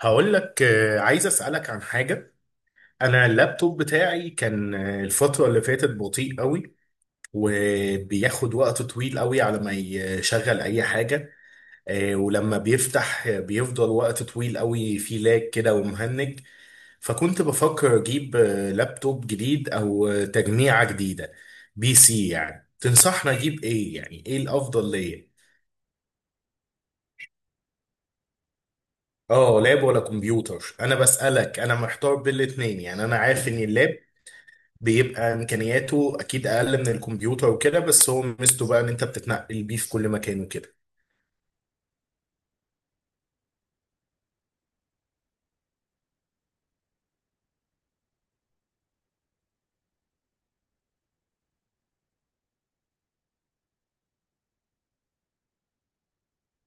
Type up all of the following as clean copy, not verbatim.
هقول لك، عايز اسالك عن حاجه. انا اللابتوب بتاعي كان الفتره اللي فاتت بطيء قوي، وبياخد وقت طويل قوي على ما يشغل اي حاجه. ولما بيفتح، بيفضل وقت طويل قوي، فيه لاج كده ومهنج. فكنت بفكر اجيب لابتوب جديد او تجميعه جديده، بي سي. يعني تنصحنا اجيب ايه؟ يعني ايه الافضل ليا؟ اه، لاب ولا كمبيوتر؟ انا بسالك، انا محتار بين الاتنين يعني. انا عارف ان اللاب بيبقى امكانياته اكيد اقل من الكمبيوتر وكده، بس هو ميزته بقى ان انت بتتنقل بيه في كل مكان وكده.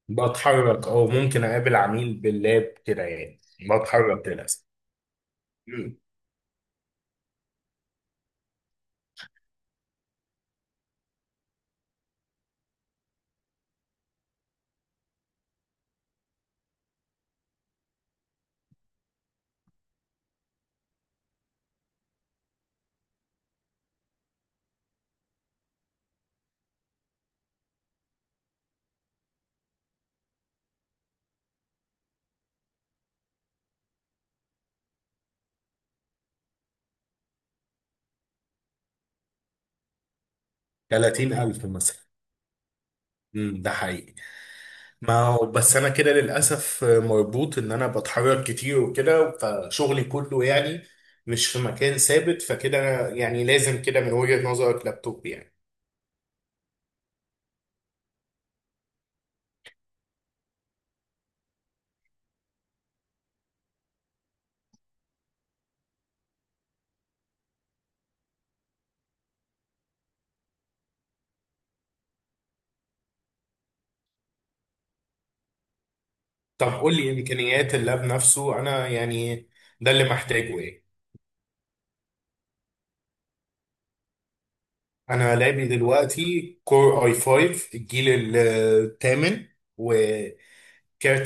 بتحرك، او ممكن اقابل عميل باللاب كده يعني. بتحرك للاسف. مم. 30,000 مثلا. مم، ده حقيقي. ما هو بس انا كده للاسف مربوط ان انا بتحرك كتير وكده، فشغلي كله يعني مش في مكان ثابت، فكده أنا يعني لازم كده من وجهة نظرك لابتوب يعني. طب قول لي امكانيات اللاب نفسه، انا يعني ده اللي محتاجه ايه. انا لعبي دلوقتي كور اي 5 الجيل الثامن، وكارت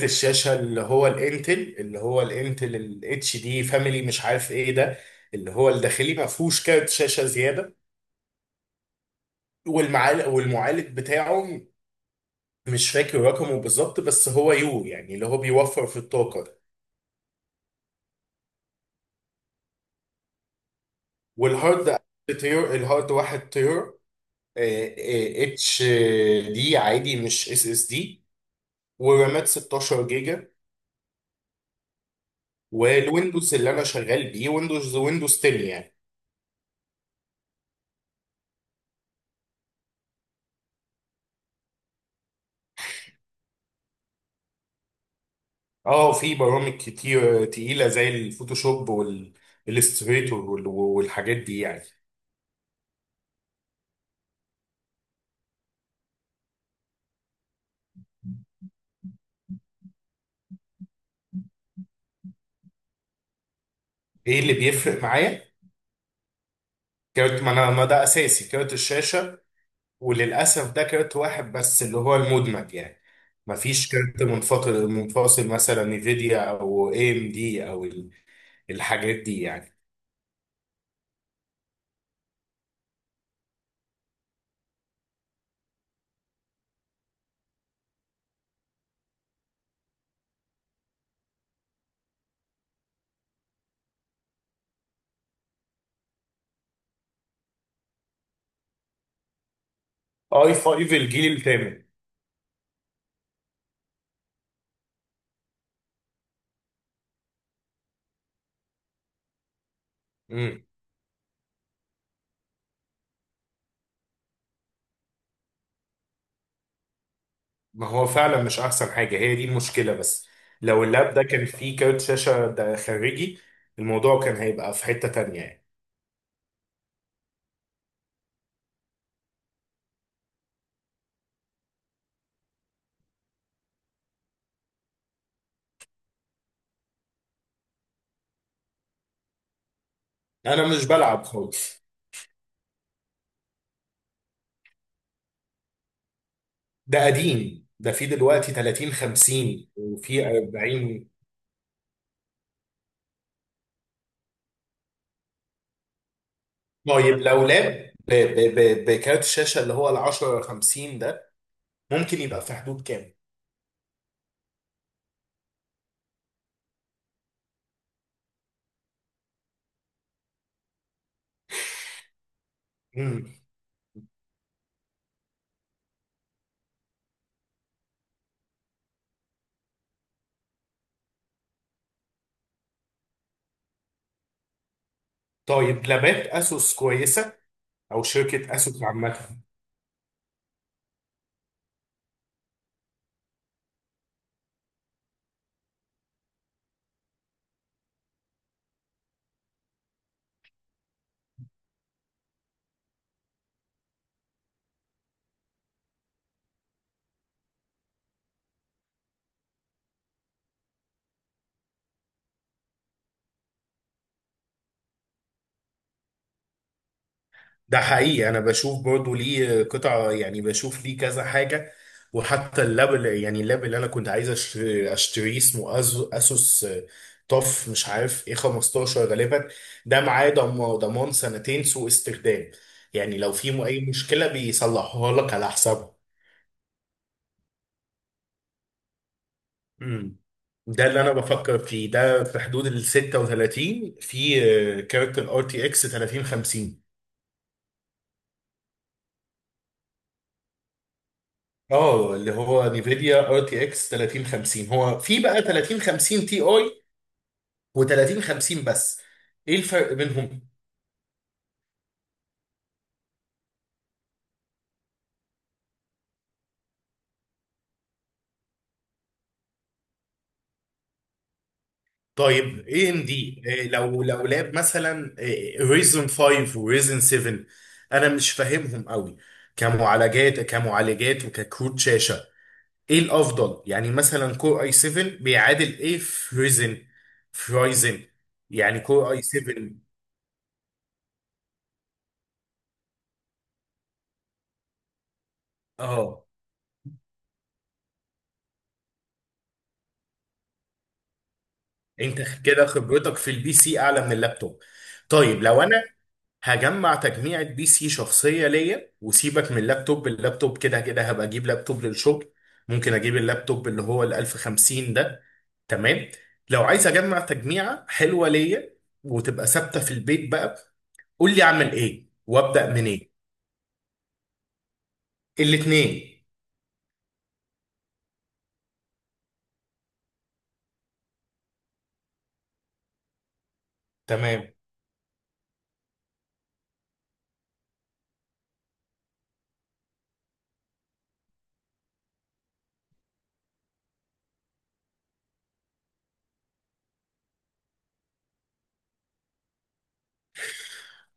الشاشه اللي هو الانتل، الاتش دي فاميلي مش عارف ايه ده، اللي هو الداخلي، ما فيهوش كارت شاشه زياده. والمعالج بتاعه مش فاكر رقمه بالظبط، بس هو يو يعني اللي هو بيوفر في الطاقه ده. والهارد تير الهارد واحد تير اتش دي عادي مش اس اس دي، ورامات 16 جيجا. والويندوز اللي انا شغال بيه ويندوز 10 يعني. اه، في برامج كتير تقيله زي الفوتوشوب والالستريتور والحاجات دي يعني. ايه اللي بيفرق معايا؟ كارت، ما انا ما ده اساسي كارت الشاشه. وللاسف ده كارت واحد بس اللي هو المدمج يعني، ما فيش كارت منفصل، مثلا نفيديا او اي ام دي او الحاجات دي يعني. اي 5 الجيل الثامن. ما هو فعلا مش احسن حاجه، هي دي المشكله بس. لو اللاب ده كان فيه كارت شاشه ده خارجي، الموضوع كان هيبقى في حته تانية يعني. انا مش بلعب خالص. ده قديم، ده فيه دلوقتي 30 50 وفيه 40. طيب لو لاب بكارت الشاشه اللي هو ال 10 50 ده، ممكن يبقى في حدود كام؟ مم. طيب لابات اسوس كويسه؟ او شركه اسوس عامه؟ ده حقيقي، انا بشوف برضو ليه قطع يعني، بشوف ليه كذا حاجه. وحتى يعني اللاب اللي انا كنت عايز اشتريه، اسمه اسوس طف مش عارف ايه 15 غالبا. ده معاه ضمان سنتين سوء استخدام، يعني لو في اي مشكله بيصلحوها لك على حسابه. امم ده اللي انا بفكر فيه، ده في حدود ال 36، في كارت الار تي اكس 3050. اه، اللي هو نيفيديا ار تي اكس 3050، هو في بقى 3050 تي اي و3050 بس، ايه الفرق بينهم؟ طيب اي ام دي، لو لاب مثلا ريزن 5 وريزن 7، انا مش فاهمهم قوي، كمعالجات، وككروت شاشه. ايه الافضل؟ يعني مثلا كور اي 7 بيعادل ايه في ريزن، في رايزن يعني كور اي 7. اه، انت كده خبرتك في البي سي اعلى من اللابتوب. طيب لو انا هجمع تجميعة بي سي شخصية ليا، وسيبك من اللابتوب، اللابتوب كده كده هبقى اجيب لابتوب للشغل. ممكن اجيب اللابتوب اللي هو ال 1050 ده. تمام. لو عايز اجمع تجميعة حلوة ليا، وتبقى ثابتة في البيت بقى، قول لي اعمل ايه وابدأ منين. الاتنين. تمام.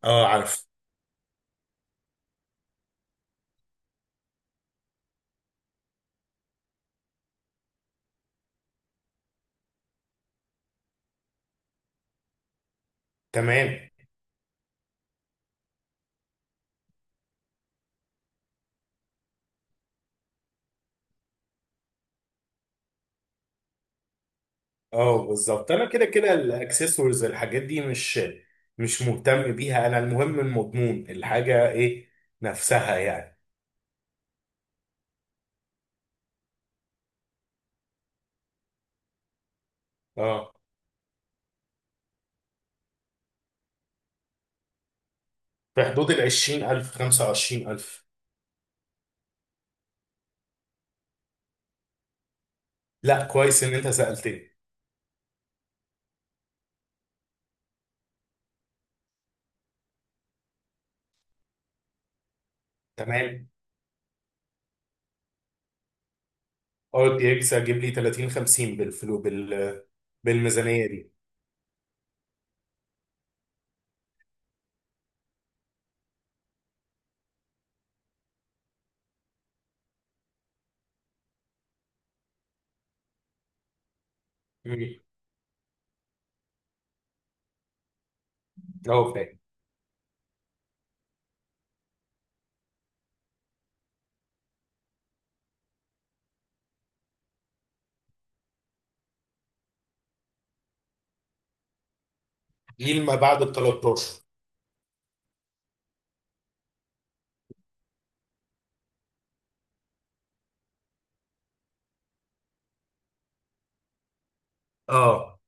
اه، عارف. تمام. اه بالظبط، انا كده كده الاكسسوارز الحاجات دي مش مهتم بيها، انا المهم المضمون الحاجه ايه نفسها يعني. اه، في حدود ال 20,000 25,000. لا، كويس ان انت سالتني. تمام. ار تي اكس هجيب لي 30 50 بالفلو، بالميزانيه دي. مم. اه، فاهم. جيل ما بعد ال 13. اه.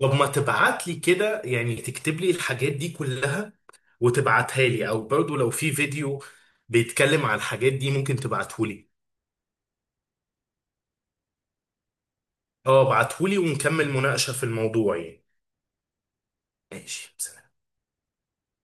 طب ما تبعت لي كده، يعني تكتب لي الحاجات دي كلها وتبعتها لي، او برضو لو في فيديو بيتكلم على الحاجات دي ممكن تبعته لي. اه، ابعته لي ونكمل مناقشة في الموضوع يعني. ماشي.